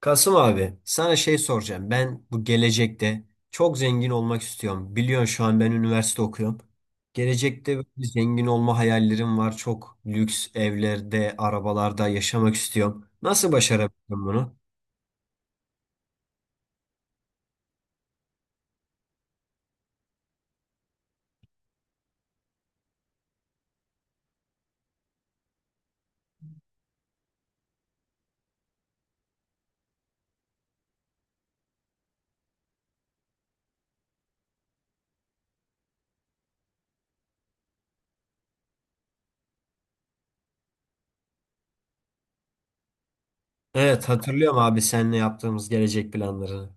Kasım abi sana şey soracağım. Ben bu gelecekte çok zengin olmak istiyorum. Biliyorsun şu an ben üniversite okuyorum. Gelecekte böyle zengin olma hayallerim var. Çok lüks evlerde, arabalarda yaşamak istiyorum. Nasıl başarabilirim bunu? Evet, hatırlıyorum abi seninle yaptığımız gelecek planlarını.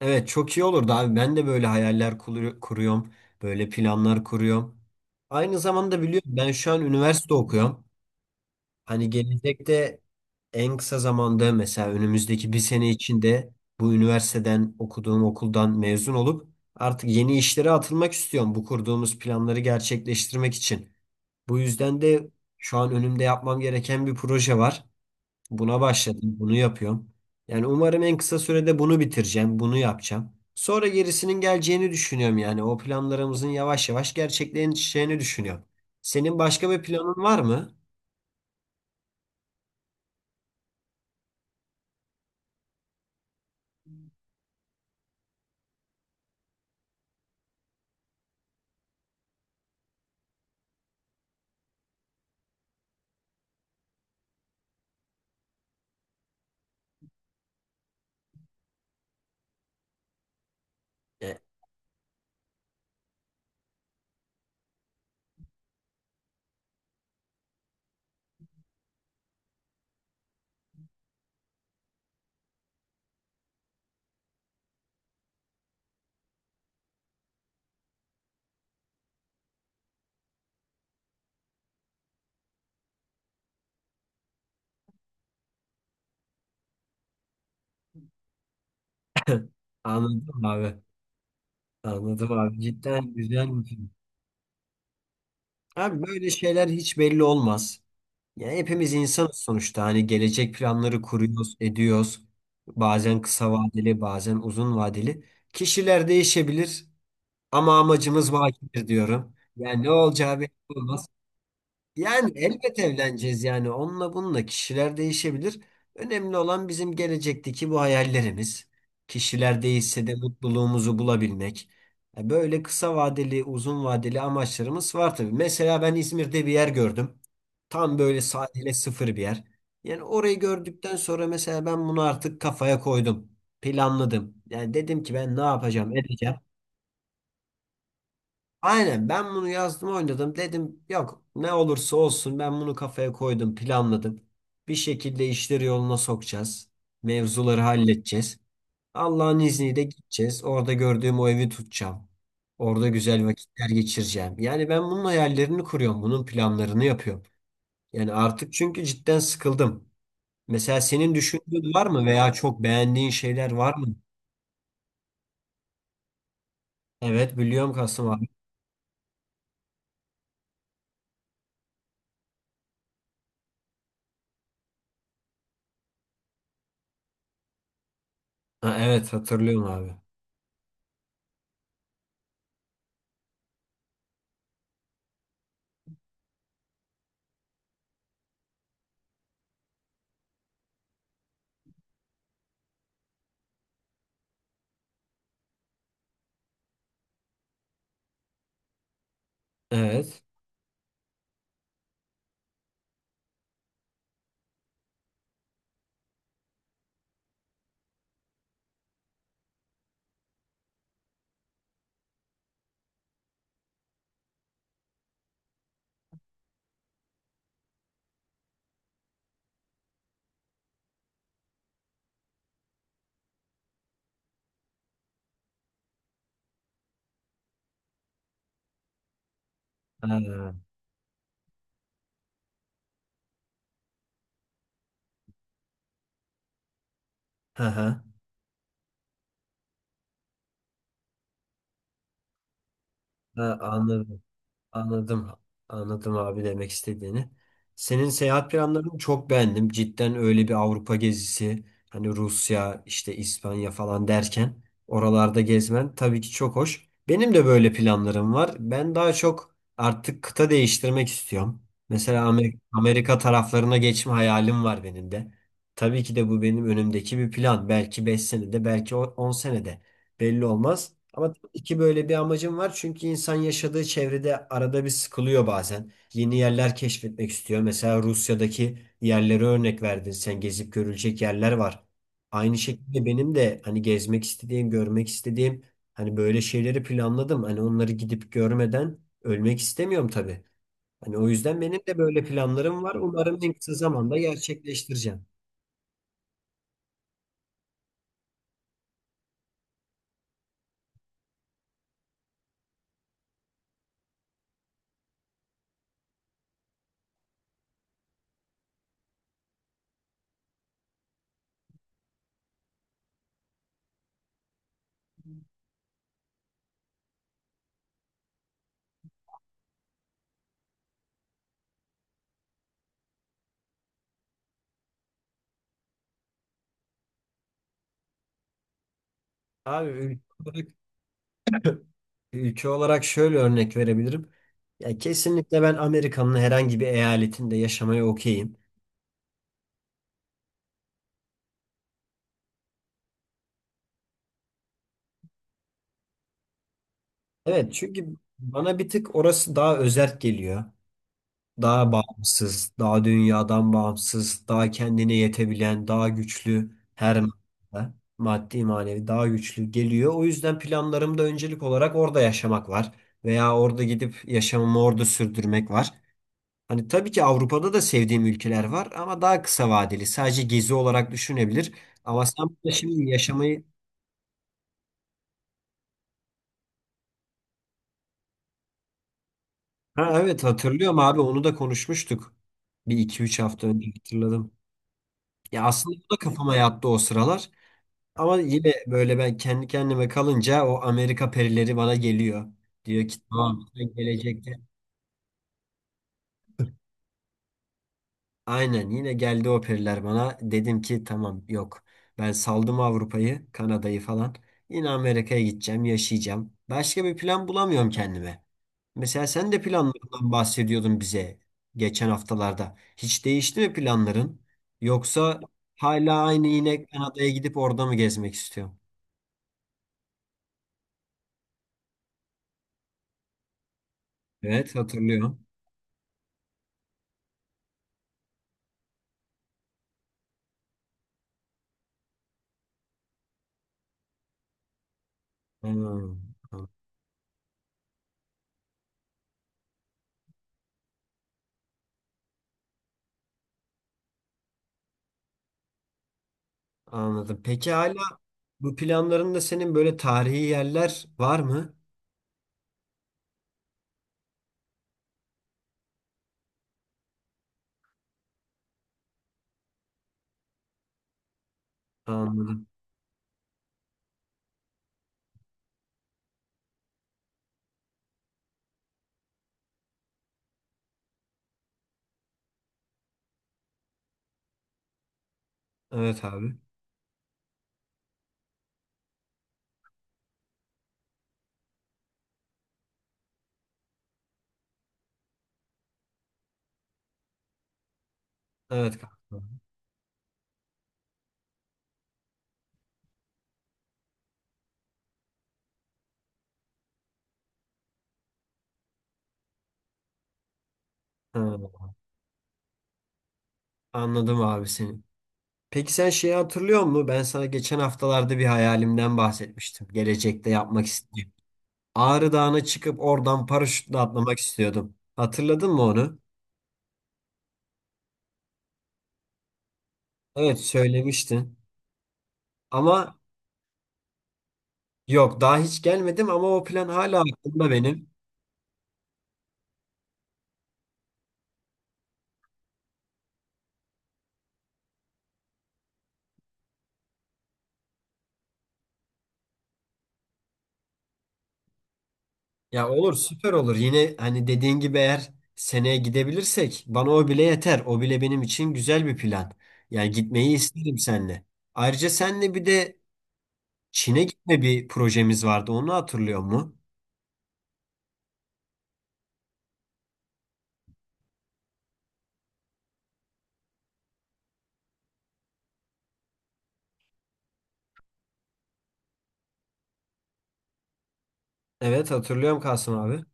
Evet, çok iyi olurdu abi. Ben de böyle hayaller kuruyorum. Böyle planlar kuruyorum. Aynı zamanda biliyorum ben şu an üniversite okuyorum. Hani gelecekte en kısa zamanda mesela önümüzdeki bir sene içinde bu üniversiteden okuduğum okuldan mezun olup artık yeni işlere atılmak istiyorum. Bu kurduğumuz planları gerçekleştirmek için. Bu yüzden de şu an önümde yapmam gereken bir proje var. Buna başladım, bunu yapıyorum. Yani umarım en kısa sürede bunu bitireceğim, bunu yapacağım. Sonra gerisinin geleceğini düşünüyorum yani. O planlarımızın yavaş yavaş gerçekleşeceğini düşünüyorum. Senin başka bir planın var mı? Anladım abi. Anladım abi. Cidden güzel bir film. Abi böyle şeyler hiç belli olmaz. Yani hepimiz insanız sonuçta. Hani gelecek planları kuruyoruz, ediyoruz. Bazen kısa vadeli, bazen uzun vadeli. Kişiler değişebilir ama amacımız vakidir diyorum. Yani ne olacağı belli olmaz. Yani elbet evleneceğiz yani onunla bununla kişiler değişebilir. Önemli olan bizim gelecekteki bu hayallerimiz. Kişiler değişse de mutluluğumuzu bulabilmek. E, böyle kısa vadeli, uzun vadeli amaçlarımız var tabii. Mesela ben İzmir'de bir yer gördüm. Tam böyle sahile sıfır bir yer. Yani orayı gördükten sonra mesela ben bunu artık kafaya koydum. Planladım. Yani dedim ki ben ne yapacağım, edeceğim. Aynen, ben bunu yazdım oynadım dedim, yok ne olursa olsun ben bunu kafaya koydum, planladım. Bir şekilde işleri yoluna sokacağız. Mevzuları halledeceğiz. Allah'ın izniyle gideceğiz. Orada gördüğüm o evi tutacağım. Orada güzel vakitler geçireceğim. Yani ben bunun hayallerini kuruyorum. Bunun planlarını yapıyorum. Yani artık çünkü cidden sıkıldım. Mesela senin düşündüğün var mı veya çok beğendiğin şeyler var mı? Evet, biliyorum Kasım abi. Ha, evet, hatırlıyorum abi. Evet. Ha, ha, ha. Ha, anladım. Anladım. Anladım abi demek istediğini. Senin seyahat planlarını çok beğendim. Cidden öyle bir Avrupa gezisi, hani Rusya, işte İspanya falan derken oralarda gezmen tabii ki çok hoş. Benim de böyle planlarım var. Ben daha çok artık kıta değiştirmek istiyorum. Mesela Amerika taraflarına geçme hayalim var benim de. Tabii ki de bu benim önümdeki bir plan. Belki 5 senede, belki 10 senede. Belli olmaz. Ama iki böyle bir amacım var. Çünkü insan yaşadığı çevrede arada bir sıkılıyor bazen. Yeni yerler keşfetmek istiyor. Mesela Rusya'daki yerlere örnek verdin. Sen gezip görülecek yerler var. Aynı şekilde benim de hani gezmek istediğim, görmek istediğim, hani böyle şeyleri planladım. Hani onları gidip görmeden ölmek istemiyorum tabii. Hani o yüzden benim de böyle planlarım var. Umarım en kısa zamanda gerçekleştireceğim. Abi ülke olarak. Ülke olarak şöyle örnek verebilirim. Ya kesinlikle ben Amerika'nın herhangi bir eyaletinde yaşamaya okeyim. Evet çünkü bana bir tık orası daha özerk geliyor. Daha bağımsız, daha dünyadan bağımsız, daha kendine yetebilen, daha güçlü her manada, maddi manevi daha güçlü geliyor. O yüzden planlarımda öncelik olarak orada yaşamak var. Veya orada gidip yaşamımı orada sürdürmek var. Hani tabii ki Avrupa'da da sevdiğim ülkeler var ama daha kısa vadeli. Sadece gezi olarak düşünebilir. Ama sen burada şimdi yaşamayı... Ha, evet, hatırlıyorum abi onu da konuşmuştuk. Bir iki üç hafta önce hatırladım. Ya aslında bu da kafama yattı o sıralar. Ama yine böyle ben kendi kendime kalınca o Amerika perileri bana geliyor. Diyor ki tamam sen gelecekte. Aynen, yine geldi o periler bana. Dedim ki tamam yok. Ben saldım Avrupa'yı, Kanada'yı falan. Yine Amerika'ya gideceğim, yaşayacağım. Başka bir plan bulamıyorum kendime. Mesela sen de planlarından bahsediyordun bize geçen haftalarda. Hiç değişti mi planların? Yoksa hala aynı yine Kanada'ya gidip orada mı gezmek istiyorsun? Evet, hatırlıyorum. Hmm, anladım. Peki hala bu planlarında senin böyle tarihi yerler var mı? Anladım. Evet abi. Evet kanka. Ha, anladım abi seni. Peki sen şeyi hatırlıyor musun? Ben sana geçen haftalarda bir hayalimden bahsetmiştim. Gelecekte yapmak istediğim. Ağrı Dağı'na çıkıp oradan paraşütle atlamak istiyordum. Hatırladın mı onu? Evet, söylemiştin. Ama yok, daha hiç gelmedim ama o plan hala aklımda benim. Ya olur, süper olur. Yine hani dediğin gibi eğer seneye gidebilirsek bana o bile yeter. O bile benim için güzel bir plan. Yani gitmeyi isterim seninle. Ayrıca senle bir de Çin'e gitme bir projemiz vardı. Onu hatırlıyor mu? Evet, hatırlıyorum Kasım abi.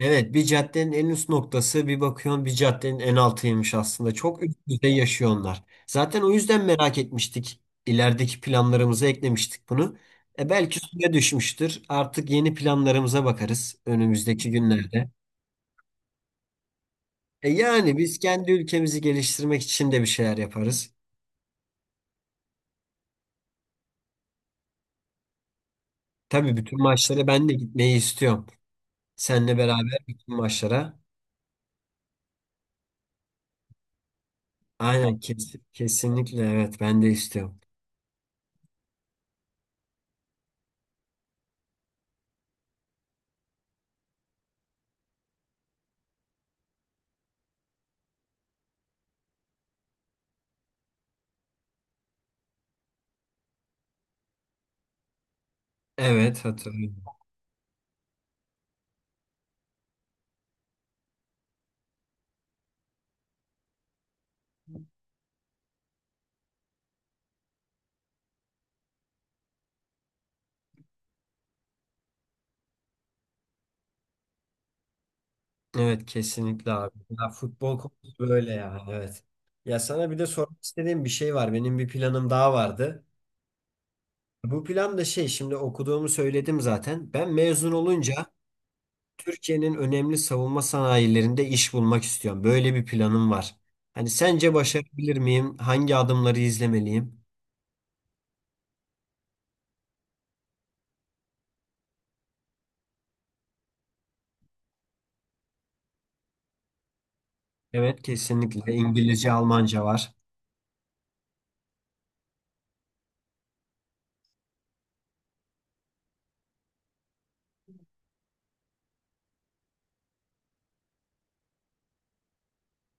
Evet, bir caddenin en üst noktası bir bakıyorsun bir caddenin en altıymış aslında. Çok üst düzey yaşıyor onlar. Zaten o yüzden merak etmiştik. İlerideki planlarımıza eklemiştik bunu. E belki suya düşmüştür. Artık yeni planlarımıza bakarız önümüzdeki günlerde. E yani biz kendi ülkemizi geliştirmek için de bir şeyler yaparız. Tabii bütün maçlara ben de gitmeyi istiyorum. Seninle beraber bütün maçlara. Aynen, kesinlikle evet ben de istiyorum. Evet, hatırlıyorum. Evet, kesinlikle abi. Ya futbol konusu böyle yani, evet. Ya sana bir de sormak istediğim bir şey var. Benim bir planım daha vardı. Bu plan da şey, şimdi okuduğumu söyledim zaten. Ben mezun olunca Türkiye'nin önemli savunma sanayilerinde iş bulmak istiyorum. Böyle bir planım var. Hani sence başarabilir miyim? Hangi adımları izlemeliyim? Evet, kesinlikle İngilizce, Almanca var.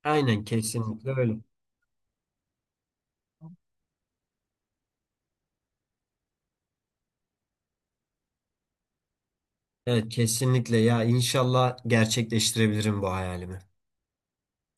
Aynen, kesinlikle öyle. Evet, kesinlikle ya inşallah gerçekleştirebilirim bu hayalimi.